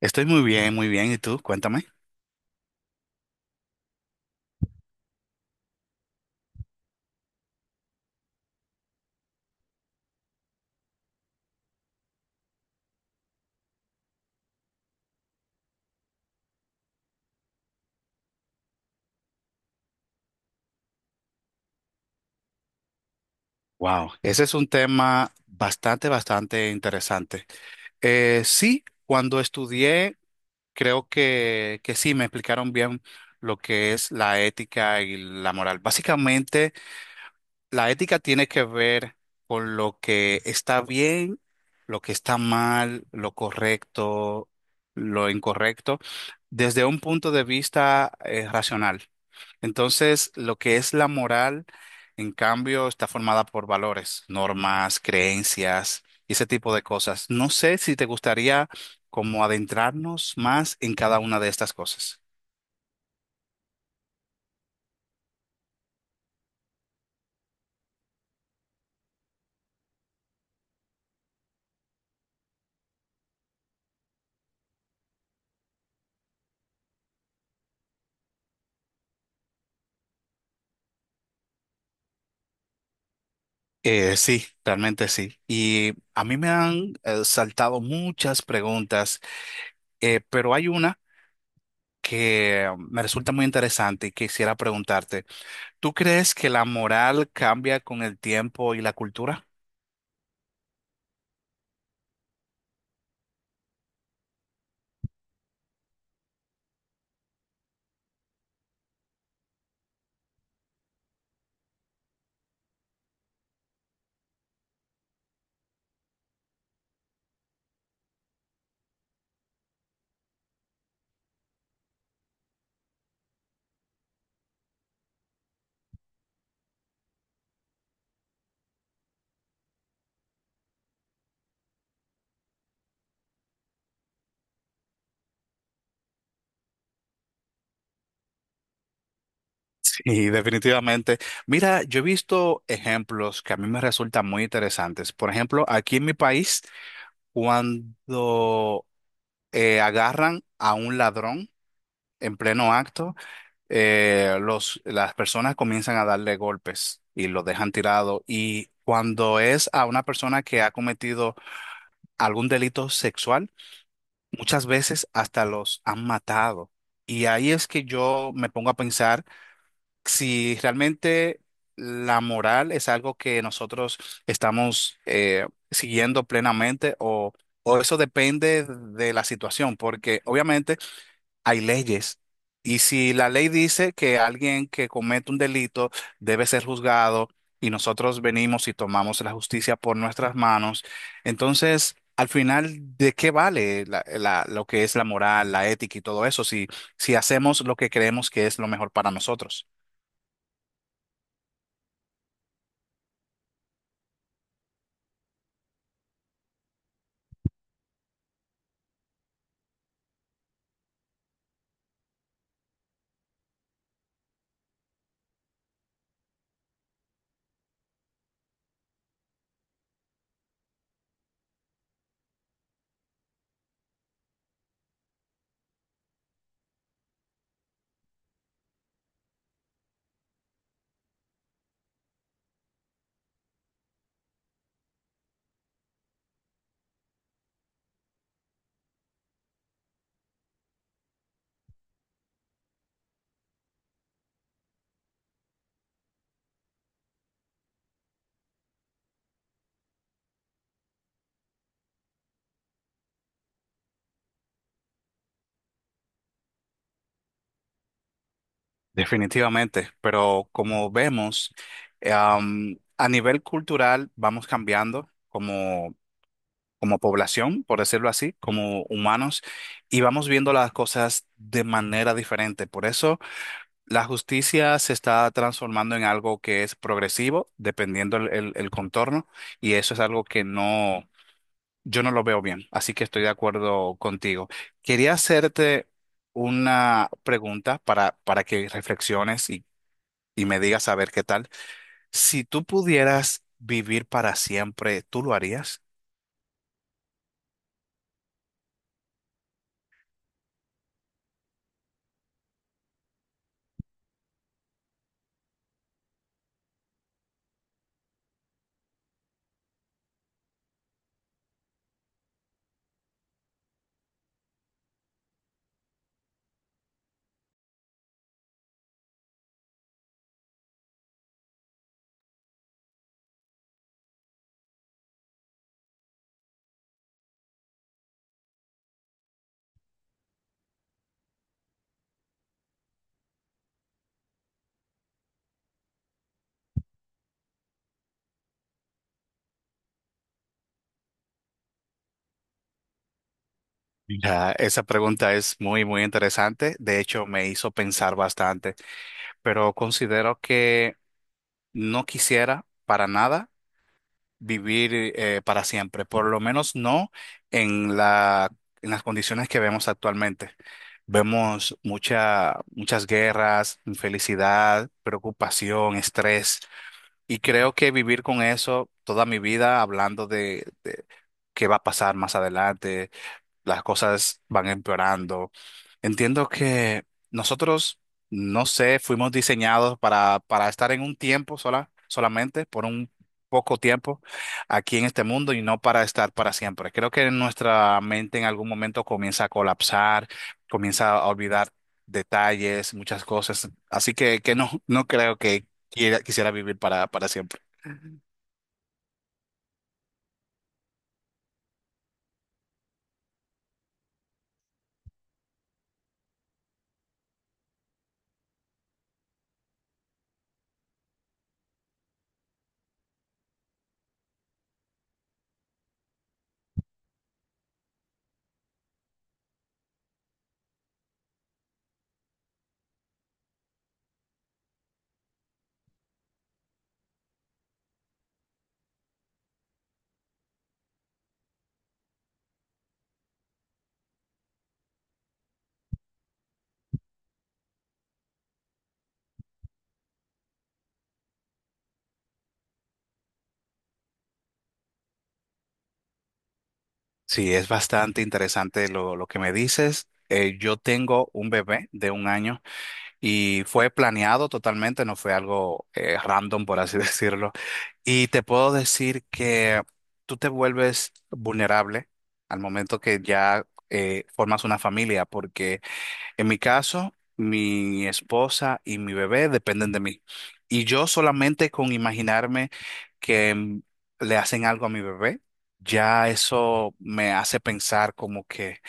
Estoy muy bien, muy bien. ¿Y tú? Cuéntame. Wow, ese es un tema bastante, bastante interesante. Sí, cuando estudié, creo que sí, me explicaron bien lo que es la ética y la moral. Básicamente, la ética tiene que ver con lo que está bien, lo que está mal, lo correcto, lo incorrecto, desde un punto de vista racional. Entonces, lo que es la moral, en cambio, está formada por valores, normas, creencias y ese tipo de cosas. No sé si te gustaría como adentrarnos más en cada una de estas cosas. Sí, realmente sí. Y a mí me han saltado muchas preguntas, pero hay una que me resulta muy interesante y quisiera preguntarte, ¿tú crees que la moral cambia con el tiempo y la cultura? Sí, definitivamente. Mira, yo he visto ejemplos que a mí me resultan muy interesantes. Por ejemplo, aquí en mi país, cuando agarran a un ladrón en pleno acto, las personas comienzan a darle golpes y lo dejan tirado. Y cuando es a una persona que ha cometido algún delito sexual, muchas veces hasta los han matado. Y ahí es que yo me pongo a pensar si realmente la moral es algo que nosotros estamos siguiendo plenamente o... o eso depende de la situación, porque obviamente hay leyes. Y si la ley dice que alguien que comete un delito debe ser juzgado y nosotros venimos y tomamos la justicia por nuestras manos, entonces, al final, ¿de qué vale lo que es la moral, la ética y todo eso si, si hacemos lo que creemos que es lo mejor para nosotros? Definitivamente, pero como vemos, a nivel cultural vamos cambiando. Como como población, por decirlo así, como humanos, y vamos viendo las cosas de manera diferente. Por eso la justicia se está transformando en algo que es progresivo, dependiendo el contorno, y eso es algo que no, yo no lo veo bien, así que estoy de acuerdo contigo. Quería hacerte una pregunta para que reflexiones y me digas a ver qué tal. Si tú pudieras vivir para siempre, ¿tú lo harías? Mira, esa pregunta es muy, muy interesante. De hecho, me hizo pensar bastante, pero considero que no quisiera para nada vivir para siempre, por lo menos no en la, en las condiciones que vemos actualmente. Vemos mucha, muchas guerras, infelicidad, preocupación, estrés, y creo que vivir con eso toda mi vida, hablando de qué va a pasar más adelante las cosas van empeorando. Entiendo que nosotros, no sé, fuimos diseñados para estar en un tiempo sola, solamente, por un poco tiempo aquí en este mundo y no para estar para siempre. Creo que nuestra mente en algún momento comienza a colapsar, comienza a olvidar detalles, muchas cosas. Así que no, no creo que quiera, quisiera vivir para siempre. Sí, es bastante interesante lo que me dices. Yo tengo un bebé de un año. Y fue planeado totalmente, no fue algo random, por así decirlo. Y te puedo decir que tú te vuelves vulnerable al momento que ya formas una familia, porque en mi caso, mi esposa y mi bebé dependen de mí. Y yo solamente con imaginarme que le hacen algo a mi bebé, ya eso me hace pensar como que...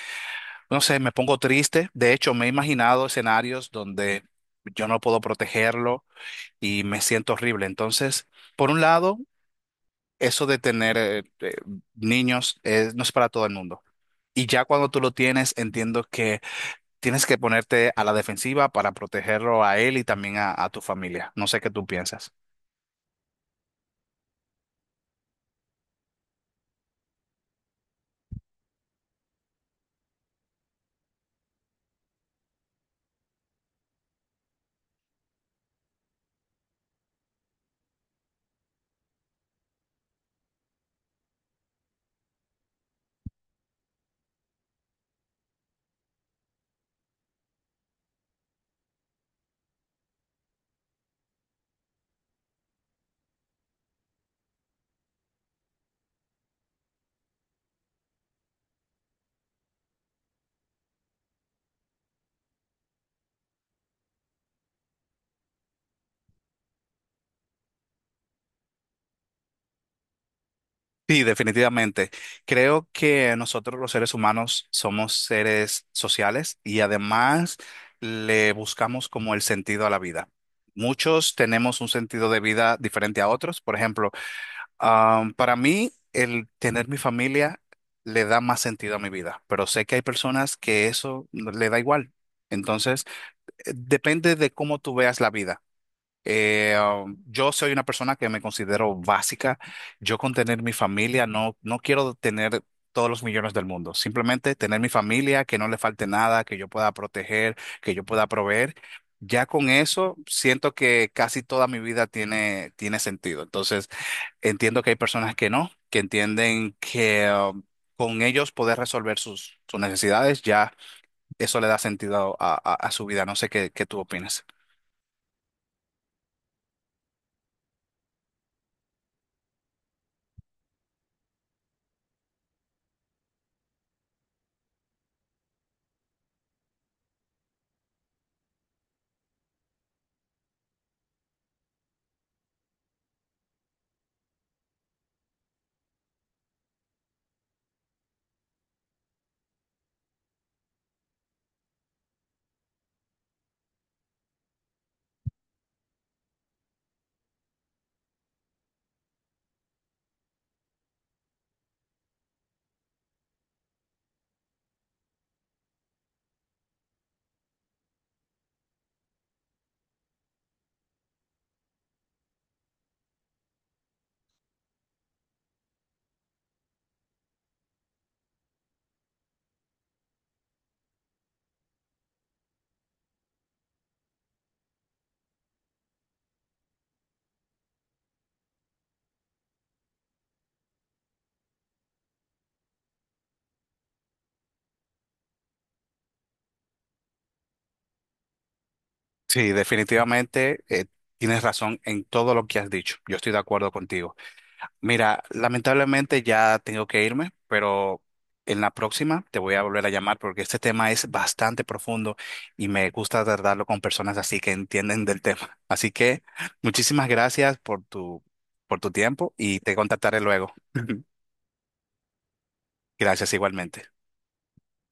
No sé, me pongo triste. De hecho, me he imaginado escenarios donde yo no puedo protegerlo y me siento horrible. Entonces, por un lado, eso de tener niños es- no es para todo el mundo. Y ya cuando tú lo tienes, entiendo que tienes que ponerte a la defensiva para protegerlo a él y también a tu familia. No sé qué tú piensas. Sí, definitivamente. Creo que nosotros los seres humanos somos seres sociales y además le buscamos como el sentido a la vida. Muchos tenemos un sentido de vida diferente a otros. Por ejemplo, para mí el tener mi familia le da más sentido a mi vida, pero sé que hay personas que eso no- le da igual. Entonces, depende de cómo tú veas la vida. Eh, yo soy una persona que me considero básica. Yo con tener mi familia no, no quiero tener todos los millones del mundo. Simplemente tener mi familia, que no le falte nada, que yo pueda proteger, que yo pueda proveer. Ya con eso siento que casi toda mi vida tiene, tiene sentido. Entonces entiendo que hay personas que no, que entienden que con ellos poder resolver sus, sus necesidades, ya eso le da sentido a, a su vida. No sé qué, qué tú opinas. Sí, definitivamente tienes razón en todo lo que has dicho. Yo estoy de acuerdo contigo. Mira, lamentablemente ya tengo que irme, pero en la próxima te voy a volver a llamar porque este tema es bastante profundo y me gusta tratarlo con personas así que entienden del tema. Así que muchísimas gracias por tu tiempo y te contactaré luego. Gracias igualmente.